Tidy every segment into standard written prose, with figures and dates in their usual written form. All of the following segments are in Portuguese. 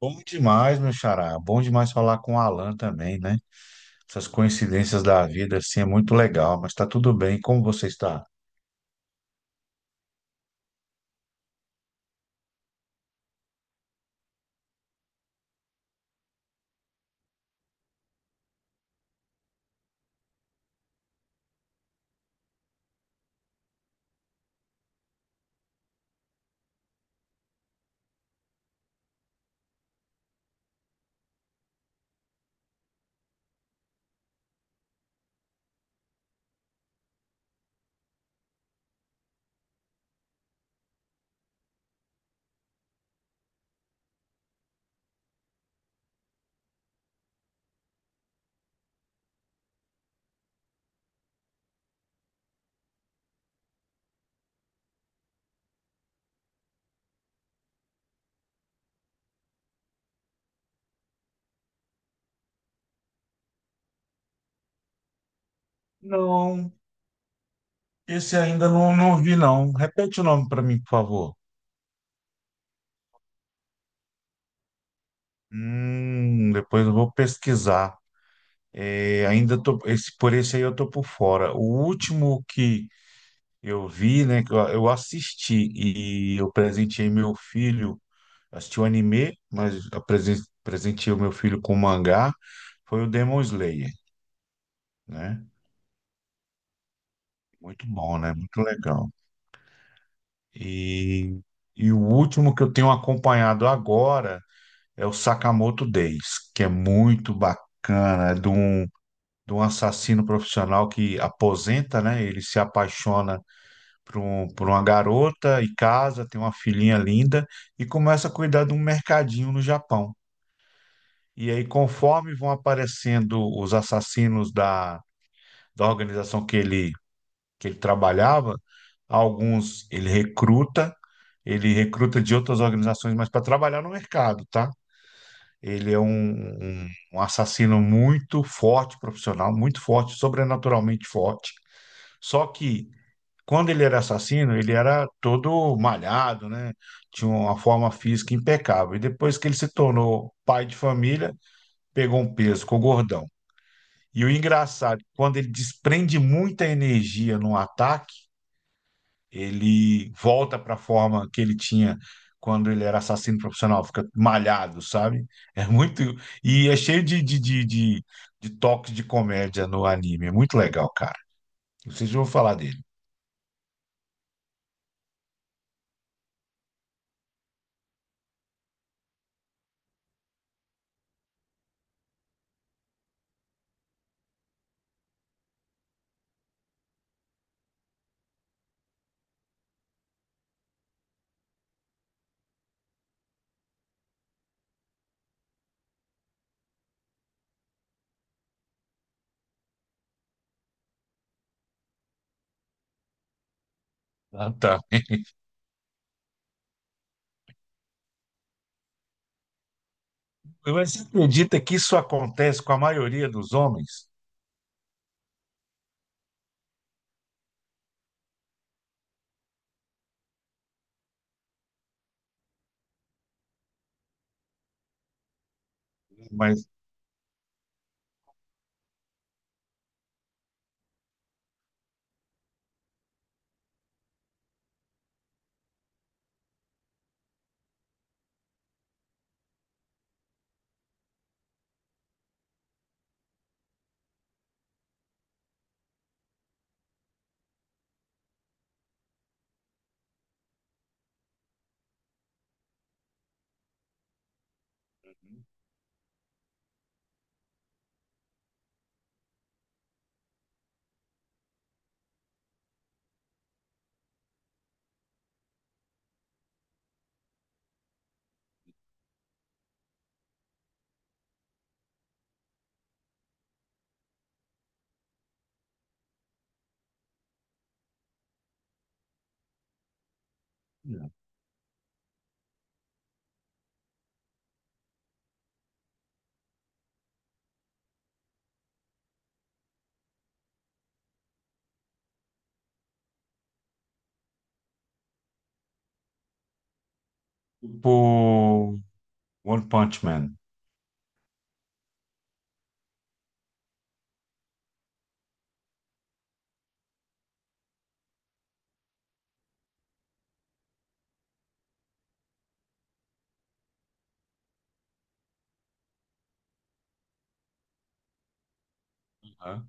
Bom demais, meu xará. Bom demais falar com o Alan também, né? Essas coincidências da vida, assim, é muito legal, mas tá tudo bem. Como você está? Não, esse ainda não, não vi, não. Repete o nome para mim, por favor. Depois eu vou pesquisar. É, ainda tô, esse, por esse aí eu tô por fora. O último que eu vi, né, que eu assisti e eu presenteei meu filho. Assisti o anime, mas presenteei o meu filho com o mangá, foi o Demon Slayer, né? Muito bom, né? Muito legal. E, e o último que eu tenho acompanhado agora é o Sakamoto Days, que é muito bacana, é de um assassino profissional que aposenta, né? Ele se apaixona por, um, por uma garota e casa, tem uma filhinha linda e começa a cuidar de um mercadinho no Japão. E aí, conforme vão aparecendo os assassinos da organização que ele trabalhava, alguns ele recruta de outras organizações, mas para trabalhar no mercado, tá? Ele é um, um assassino muito forte, profissional, muito forte, sobrenaturalmente forte. Só que quando ele era assassino, ele era todo malhado, né? Tinha uma forma física impecável. E depois que ele se tornou pai de família, pegou um peso, ficou gordão. E o engraçado, quando ele desprende muita energia no ataque, ele volta para a forma que ele tinha quando ele era assassino profissional, fica malhado, sabe? É muito. E é cheio de toques de comédia no anime. É muito legal, cara. Vocês vão falar dele. Ah, tá. Você acredita que isso acontece com a maioria dos homens? Mas, tipo, One Punch Man. Aham.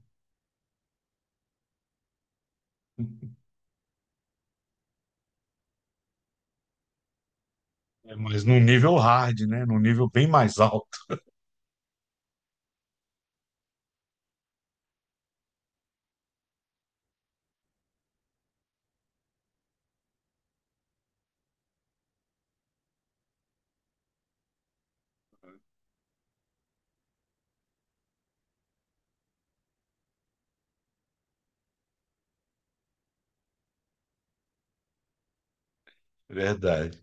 É, mas num nível hard, né? Num nível bem mais alto. Verdade.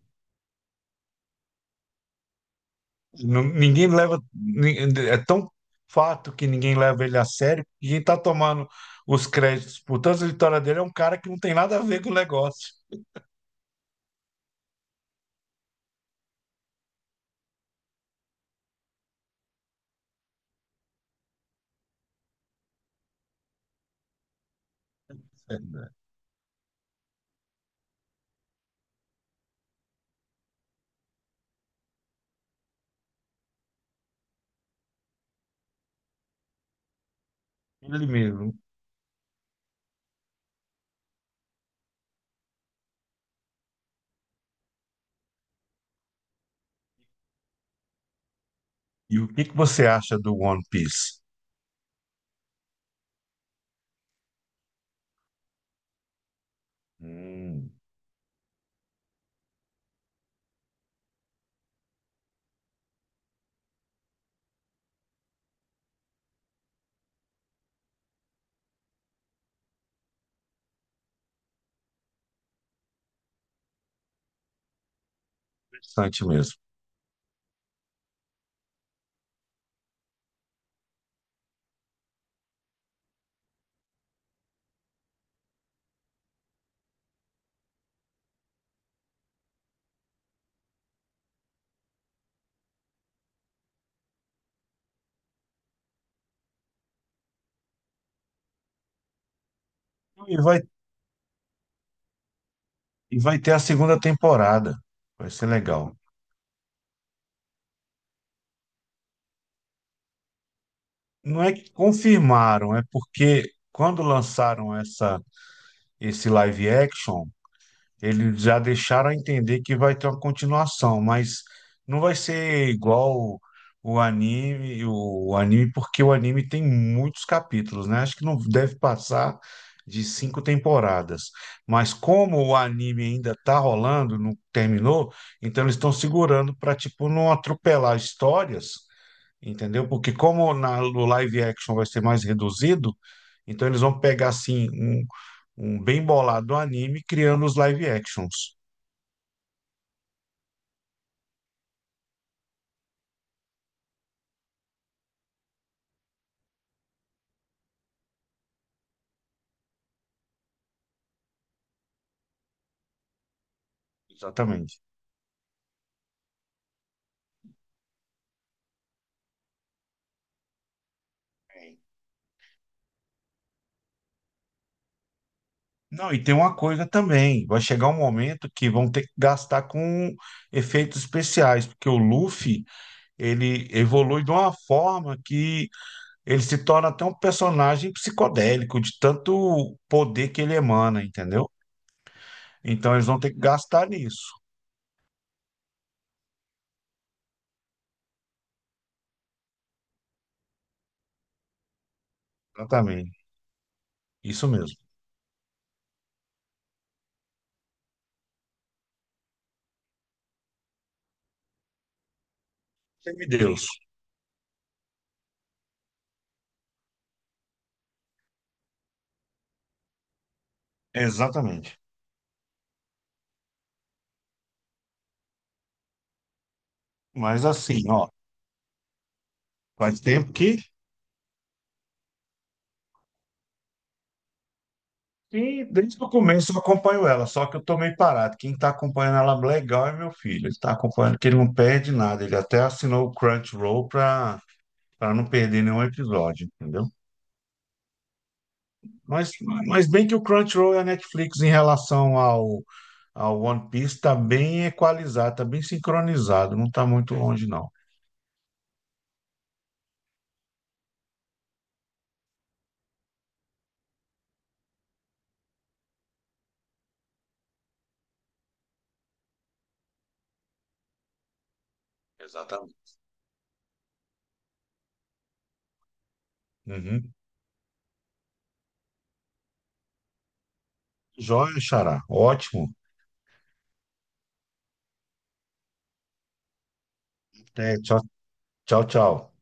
Não- ninguém leva. ni- É tão fato que ninguém leva ele a sério que quem tá tomando os créditos por tanta vitória dele é um cara que não tem nada a ver com o negócio. Verdade. Ele mesmo. E o que que você acha do One Piece? Hum. Interessante mesmo. E vai, e vai ter a segunda temporada. Vai ser legal. Não é que confirmaram, é porque quando lançaram esse live action. Eles já deixaram a entender que vai ter uma continuação, mas não vai ser igual o anime, porque o anime tem muitos capítulos, né? Acho que não deve passar de cinco temporadas. Mas como o anime ainda tá rolando, não terminou, então eles estão segurando para, tipo, não atropelar histórias, entendeu? Porque como no live action vai ser mais reduzido, então eles vão pegar assim um bem bolado anime criando os live actions. Exatamente. Não, e tem uma coisa também, vai chegar um momento que vão ter que gastar com efeitos especiais, porque o Luffy, ele evolui de uma forma que ele se torna até um personagem psicodélico, de tanto poder que ele emana, entendeu? Então eles vão ter que gastar nisso. Exatamente. Isso mesmo. Semideus. Exatamente. Mas assim, ó, faz tempo que desde o começo eu acompanho ela, só que eu tô meio parado. Quem tá acompanhando ela legal é meu filho. Ele tá acompanhando, que ele não perde nada. Ele até assinou o Crunchyroll pra não perder nenhum episódio, entendeu? Mas, mas bem que o Crunchyroll e a Netflix em relação ao One Piece tá bem equalizado, tá bem sincronizado, não tá muito longe, não. Exatamente. Uhum. Joia, Xará. Ótimo. Até, tchau, tchau, tchau.